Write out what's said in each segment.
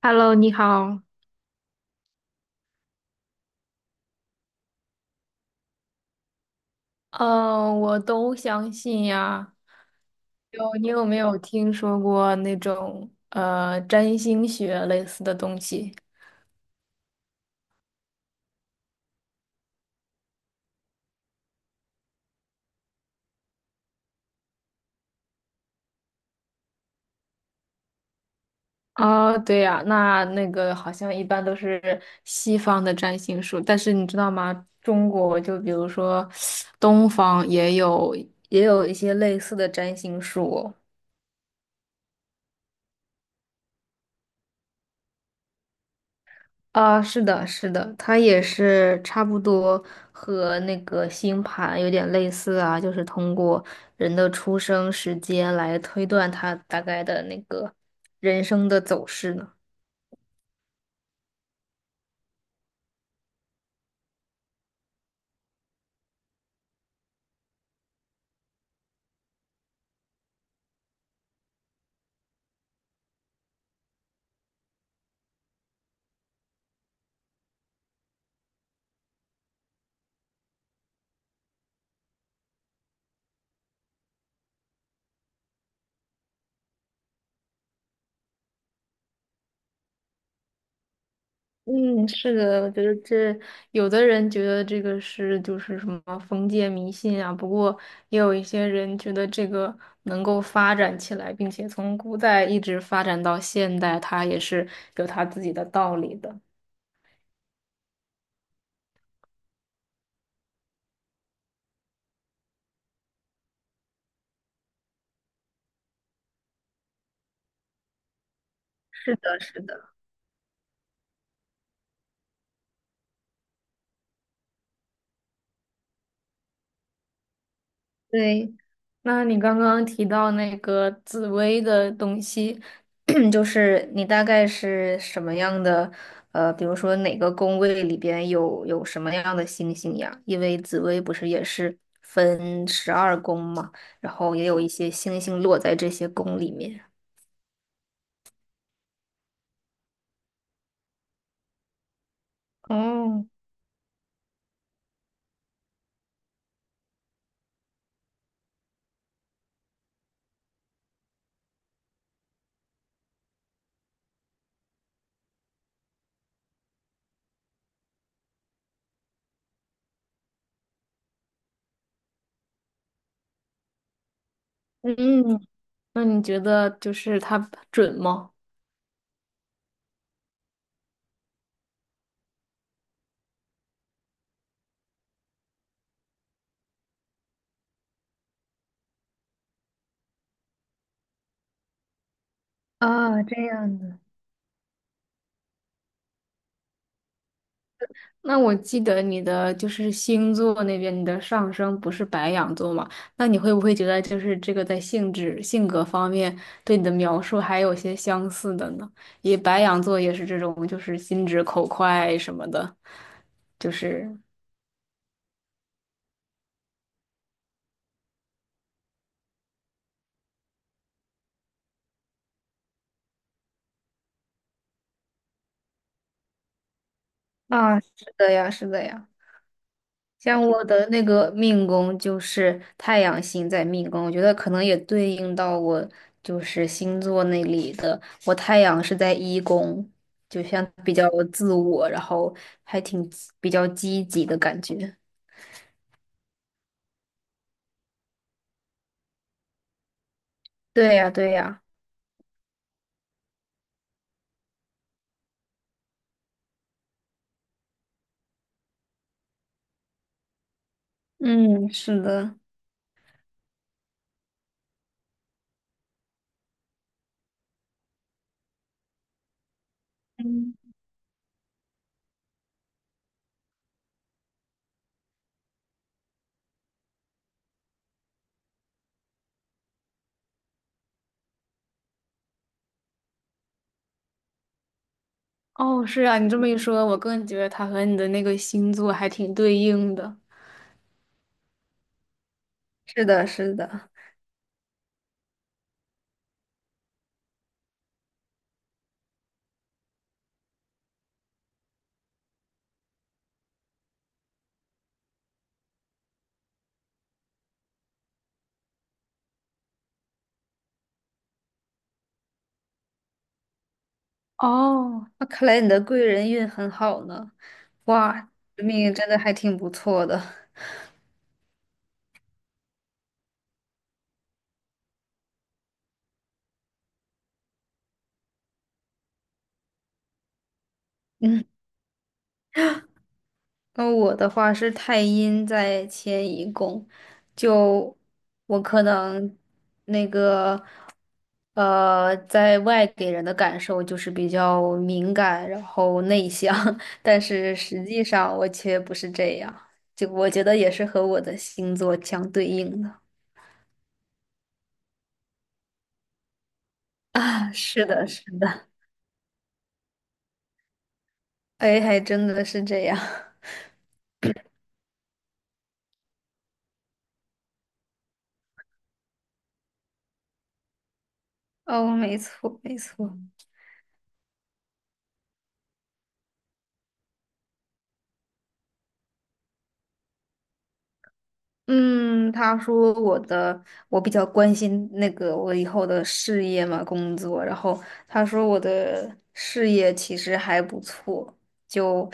Hello，你好。嗯，我都相信呀。有，你有没有听说过那种占星学类似的东西？哦，对呀，那个好像一般都是西方的占星术，但是你知道吗？中国就比如说东方也有一些类似的占星术哦。啊，是的，是的，它也是差不多和那个星盘有点类似啊，就是通过人的出生时间来推断他大概的那个人生的走势呢。嗯，是的，我觉得这有的人觉得这个是就是什么封建迷信啊，不过也有一些人觉得这个能够发展起来，并且从古代一直发展到现代，它也是有它自己的道理的。是的，是的。对，那你刚刚提到那个紫薇的东西，就是你大概是什么样的？呃，比如说哪个宫位里边有什么样的星星呀？因为紫薇不是也是分12宫嘛，然后也有一些星星落在这些宫里面。哦，嗯，那你觉得就是它准吗？啊，这样的。那我记得你的就是星座那边，你的上升不是白羊座嘛？那你会不会觉得就是这个在性质、性格方面对你的描述还有些相似的呢？也白羊座也是这种，就是心直口快什么的，就是啊，是的呀，是的呀。像我的那个命宫就是太阳星在命宫，我觉得可能也对应到我就是星座那里的。我太阳是在1宫，就像比较自我，然后还挺比较积极的感觉。对呀，对呀，嗯，是的，嗯，哦，是啊，你这么一说，我更觉得它和你的那个星座还挺对应的。是的，是的。哦，那看来你的贵人运很好呢。哇，这命运真的还挺不错的。嗯，那我的话是太阴在迁移宫，就我可能那个，在外给人的感受就是比较敏感，然后内向，但是实际上我却不是这样。就我觉得也是和我的星座相对应的。啊，是的，是的，哎，还真的是这样。哦，没错，没错。嗯，他说我的我比较关心那个我以后的事业嘛，工作。然后他说我的事业其实还不错，就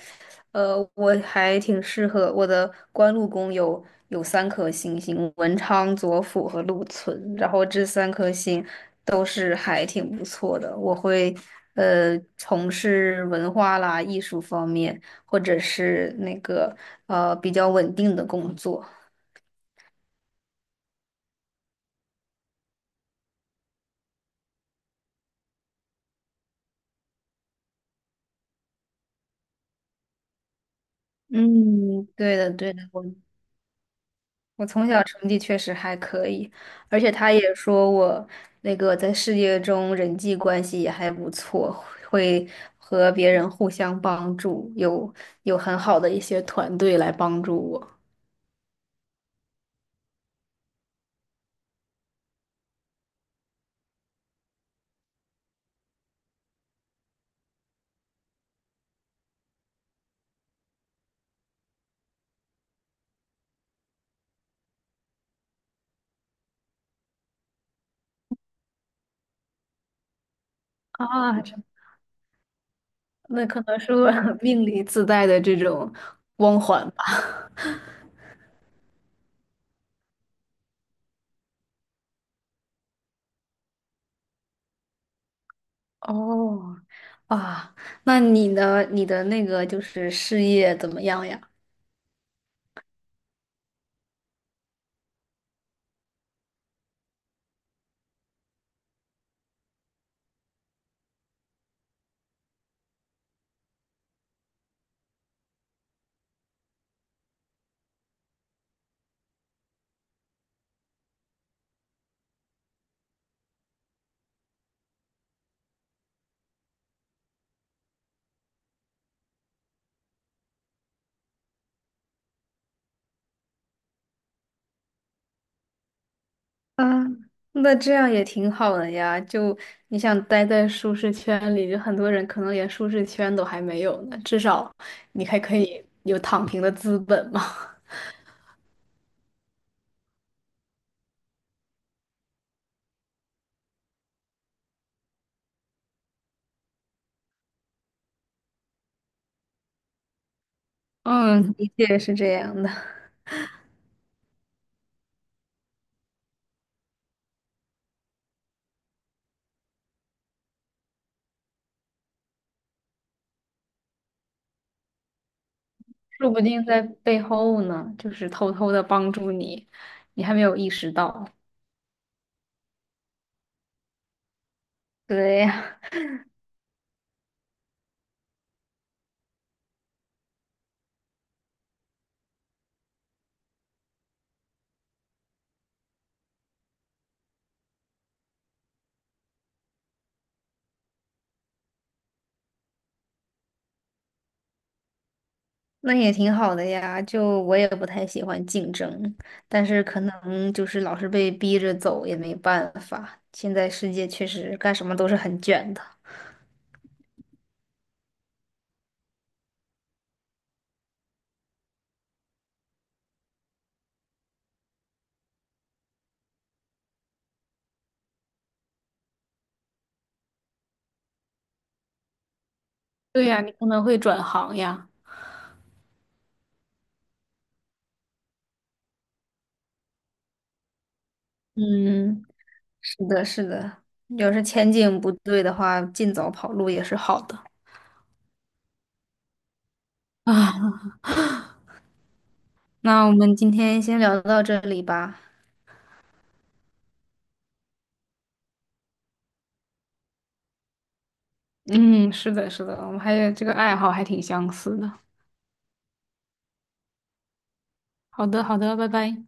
我还挺适合我的官禄宫有3颗星星，文昌、左辅和禄存，然后这三颗星都是还挺不错的。我会从事文化啦、艺术方面，或者是那个比较稳定的工作。嗯，对的，对的，我从小成绩确实还可以，而且他也说我那个在事业中人际关系也还不错，会和别人互相帮助，有很好的一些团队来帮助我。啊，这那可能是我 命里自带的这种光环吧。哦，啊，那你呢？你的那个就是事业怎么样呀？啊，那这样也挺好的呀。就你想待在舒适圈里，就很多人可能连舒适圈都还没有呢。至少你还可以有躺平的资本嘛。嗯，的确是这样的。说不定在背后呢，就是偷偷的帮助你，你还没有意识到。对呀，那也挺好的呀。就我也不太喜欢竞争，但是可能就是老是被逼着走也没办法。现在世界确实干什么都是很卷的。对呀，你可能会转行呀。嗯，是的，是的，要是前景不对的话，尽早跑路也是好的。啊，那我们今天先聊到这里吧。嗯，是的，是的，我们还有这个爱好还挺相似的。好的，好的，拜拜。